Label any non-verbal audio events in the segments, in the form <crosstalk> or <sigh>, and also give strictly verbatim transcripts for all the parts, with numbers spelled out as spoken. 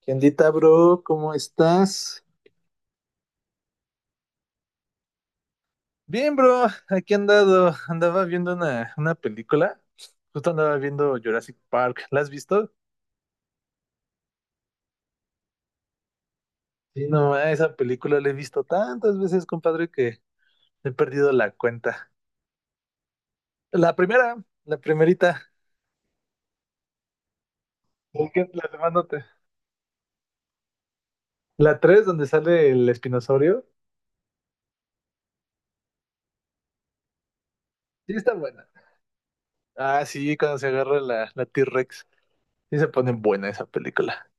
¿Qué ondita, bro? ¿Cómo estás? Bien, bro, aquí he andado, andaba viendo una, una película, justo andaba viendo Jurassic Park. ¿La has visto? Sí, no, ma, esa película la he visto tantas veces, compadre, que he perdido la cuenta. La primera, la primerita, la que- la demás no. La tres, donde sale el espinosaurio, sí está buena. Ah, sí, cuando se agarra la, la T-Rex, sí se pone buena esa película.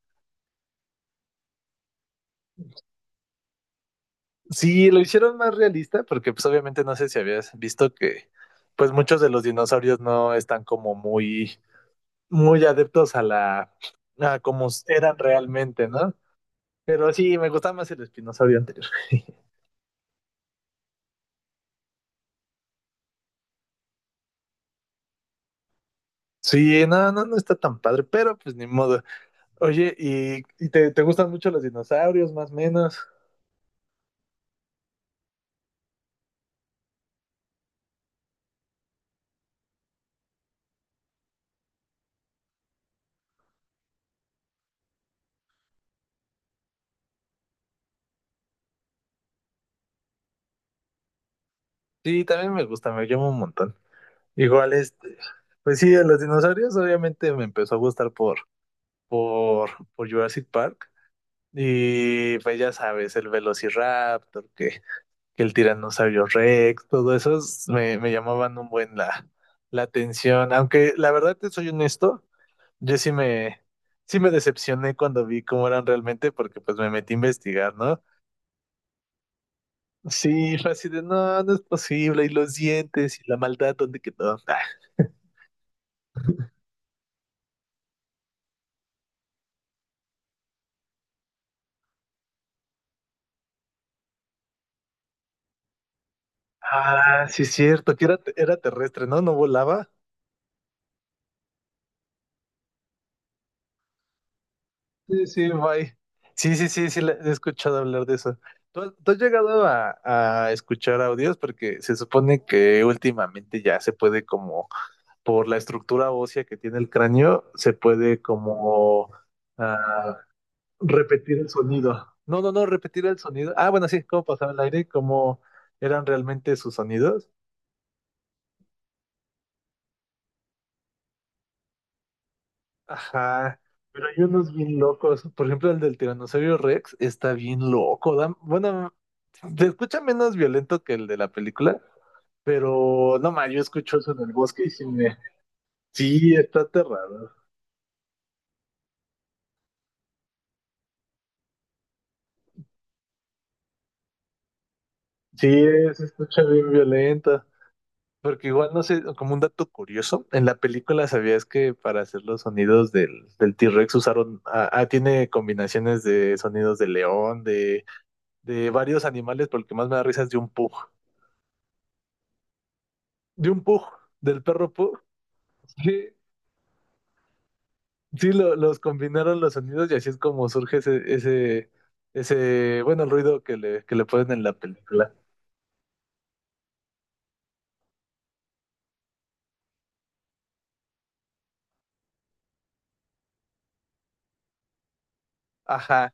Sí, lo hicieron más realista porque pues obviamente no sé si habías visto que pues muchos de los dinosaurios no están como muy muy adeptos a la a como eran realmente, ¿no? Pero sí, me gustaba más el espinosaurio anterior. <laughs> Sí, no, no, no está tan padre, pero pues ni modo. Oye, ¿y, y te, te gustan mucho los dinosaurios, más o menos? Sí, también me gusta, me llama un montón. Igual este, pues sí, de los dinosaurios obviamente me empezó a gustar por, por, por Jurassic Park. Y pues ya sabes, el Velociraptor, que, que el Tiranosaurio Rex, todo eso me, me llamaban un buen la, la atención. Aunque la verdad te soy honesto, yo sí me, sí me decepcioné cuando vi cómo eran realmente, porque pues me metí a investigar, ¿no? Sí, fue así de, no, no es posible, y los dientes, y la maldad, ¿dónde quedó? Ah, ah, sí es cierto, que era, era terrestre, ¿no? No volaba. Sí, sí, bye. Sí, sí, sí, sí, la- he escuchado hablar de eso. ¿Tú, has tú has llegado a, a escuchar audios? Porque se supone que últimamente ya se puede como, por la estructura ósea que tiene el cráneo, se puede como ah, repetir el sonido. No, no, no, repetir el sonido. Ah, bueno, sí, cómo pasaba el aire, cómo eran realmente sus sonidos. Ajá, pero hay unos bien locos. Por ejemplo, el del Tiranosaurio Rex está bien loco. da- bueno, se escucha menos violento que el de la película, pero no más, yo escucho eso en el bosque y sí me... Sí, está aterrador. Sí, se escucha bien violento. Porque igual, no sé, como un dato curioso, en la película sabías que para hacer los sonidos del, del T-Rex usaron, ah, ah, tiene combinaciones de sonidos de león, de, de varios animales, porque más me da risa es de un pug. de un pug, del perro pug. Sí, sí lo- los combinaron los sonidos y así es como surge ese, ese, ese, bueno, el ruido que le, que le ponen en la película. Ajá,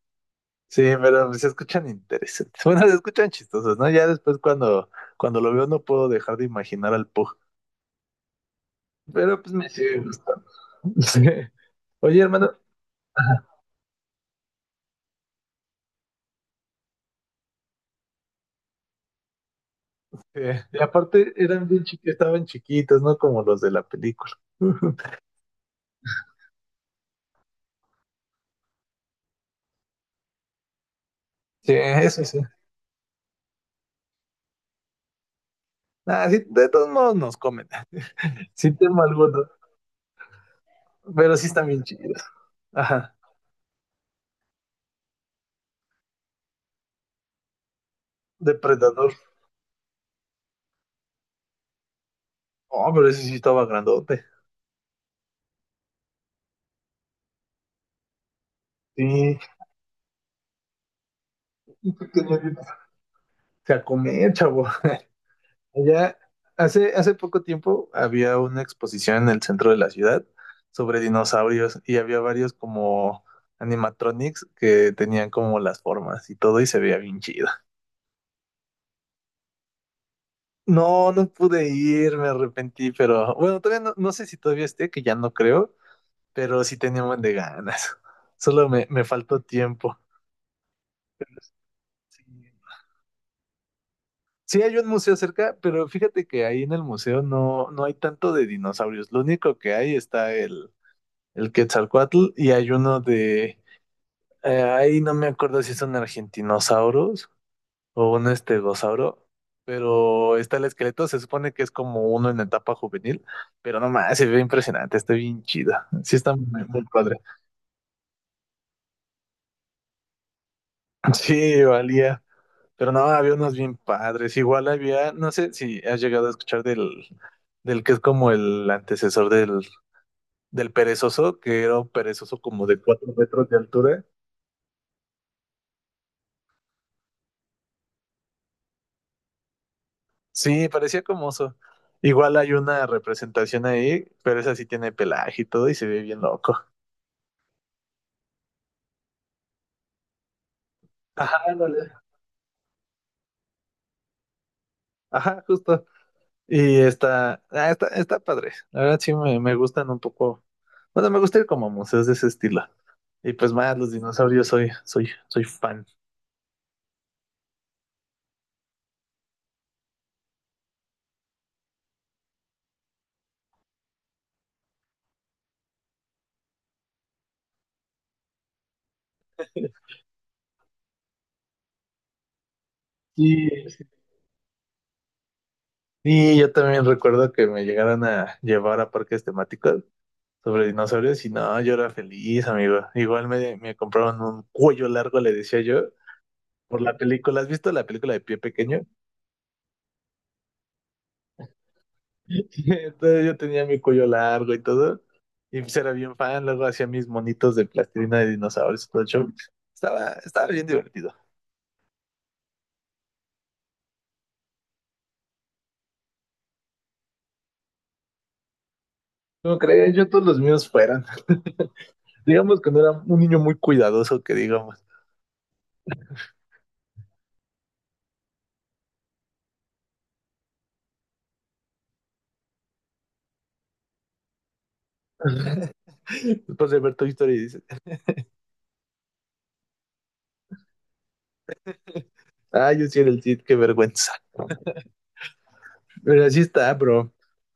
sí, pero se escuchan interesantes. Bueno, se escuchan chistosos, ¿no? Ya después cuando, cuando lo veo no puedo dejar de imaginar al pug. Pero pues me sigue gustando. <laughs> Sí. Oye, hermano. Ajá. Sí, y aparte eran bien chiqui- estaban chiquitos, ¿no? Como los de la película. <laughs> Sí, eso sí. Ah, sí, de todos modos nos comen. Sí tengo algunos, pero sí están bien chidos. Ajá. Depredador. Oh, pero ese sí estaba grandote. Sí. Se a comer, chavo. <laughs> Allá, hace, hace poco tiempo había una exposición en el centro de la ciudad sobre dinosaurios y había varios como animatronics que tenían como las formas y todo y se veía bien chido. No, no pude ir, me arrepentí, pero bueno, todavía no, no sé si todavía esté, que ya no creo, pero sí tenía un buen de ganas. <laughs> Solo me, me faltó tiempo. Pero sí. Sí hay un museo cerca, pero fíjate que ahí en el museo no, no hay tanto de dinosaurios. Lo único que hay está el, el Quetzalcóatl y hay uno de... eh, ahí no me acuerdo si son argentinosaurus o un estegosauro, pero está el esqueleto, se supone que es como uno en etapa juvenil, pero no más, se ve impresionante, está bien chido. Sí está muy, muy padre. <laughs> Sí, valía. Pero no, había unos bien padres. Igual había, no sé si has llegado a escuchar del, del que es como el antecesor del, del perezoso, que era un perezoso como de cuatro metros de altura. Sí, parecía como oso. Igual hay una representación ahí, pero esa sí tiene pelaje y todo y se ve bien loco. Ajá, ándale. Ajá, justo. Y está, ah, está, está padre. La verdad sí me, me gustan un poco. Bueno, me gusta ir como a museos de ese estilo. Y pues más, los dinosaurios soy, soy, soy fan. Sí. Y yo también recuerdo que me llegaron a llevar a parques temáticos sobre dinosaurios y no, yo era feliz, amigo. Igual me, me compraron un cuello largo, le decía yo, por la película. ¿Has visto la película de Pie Pequeño? <laughs> Entonces yo tenía mi cuello largo y todo. Y pues era bien fan, luego hacía mis monitos de plastilina de dinosaurios y todo el show. Estaba, estaba bien divertido. No crees, yo todos los míos fueran. <laughs> Digamos que no era un niño muy cuidadoso, que digamos. <laughs> Después de ver tu historia. Ah, yo sí era el Cid, qué vergüenza. <laughs> Pero así está, bro.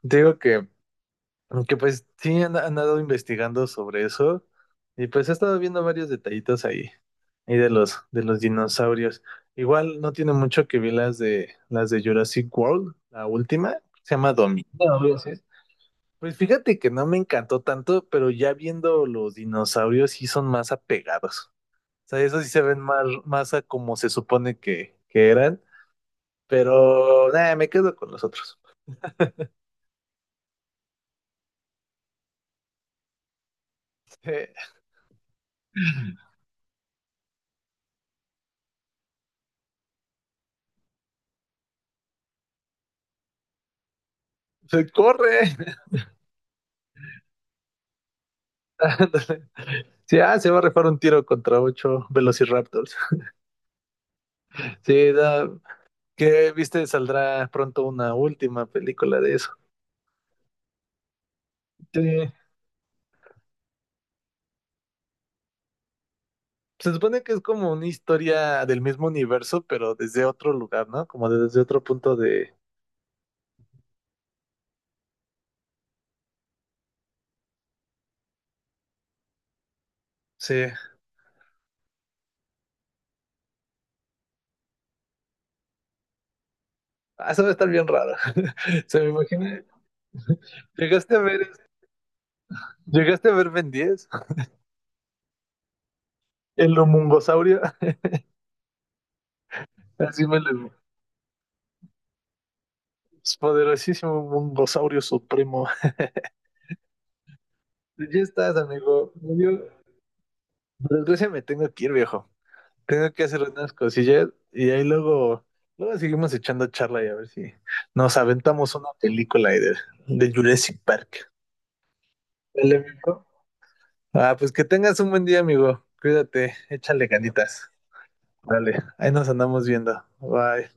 Te digo que, que pues sí han, han andado investigando sobre eso y pues he estado viendo varios detallitos ahí, ahí de los, de los dinosaurios. Igual no tiene mucho que ver las de, las de Jurassic World, la última, se llama Dominion. Algo así. Pues fíjate que no me encantó tanto, pero ya viendo los dinosaurios sí son más apegados. O sea, esos sí se ven más, más a como se supone que, que eran, pero nada, me quedo con los otros. <laughs> Se se corre. Sí, ah, se va a rifar un tiro contra ocho Velociraptors. Sí, da- que viste, saldrá pronto una última película de eso. Sí. Se supone que es como una historia del mismo universo, pero desde otro lugar, ¿no? Como desde otro punto de. Sí. Ah, eso va a estar bien raro. <laughs> Se me imagina. ¿Llegaste a ver, llegaste a ver Ben diez? El homungosaurio. <laughs> Así me lo. Poderosísimo homungosaurio supremo. Pues ya estás, amigo. Pues yo, por desgracia, me tengo que ir, viejo. Tengo que hacer unas cosillas y ahí luego, luego seguimos echando charla y a ver si nos aventamos una película ahí de, de Jurassic Park. Dale, amigo. Ah, pues que tengas un buen día, amigo. Cuídate, échale ganitas. Dale, ahí nos andamos viendo. Bye.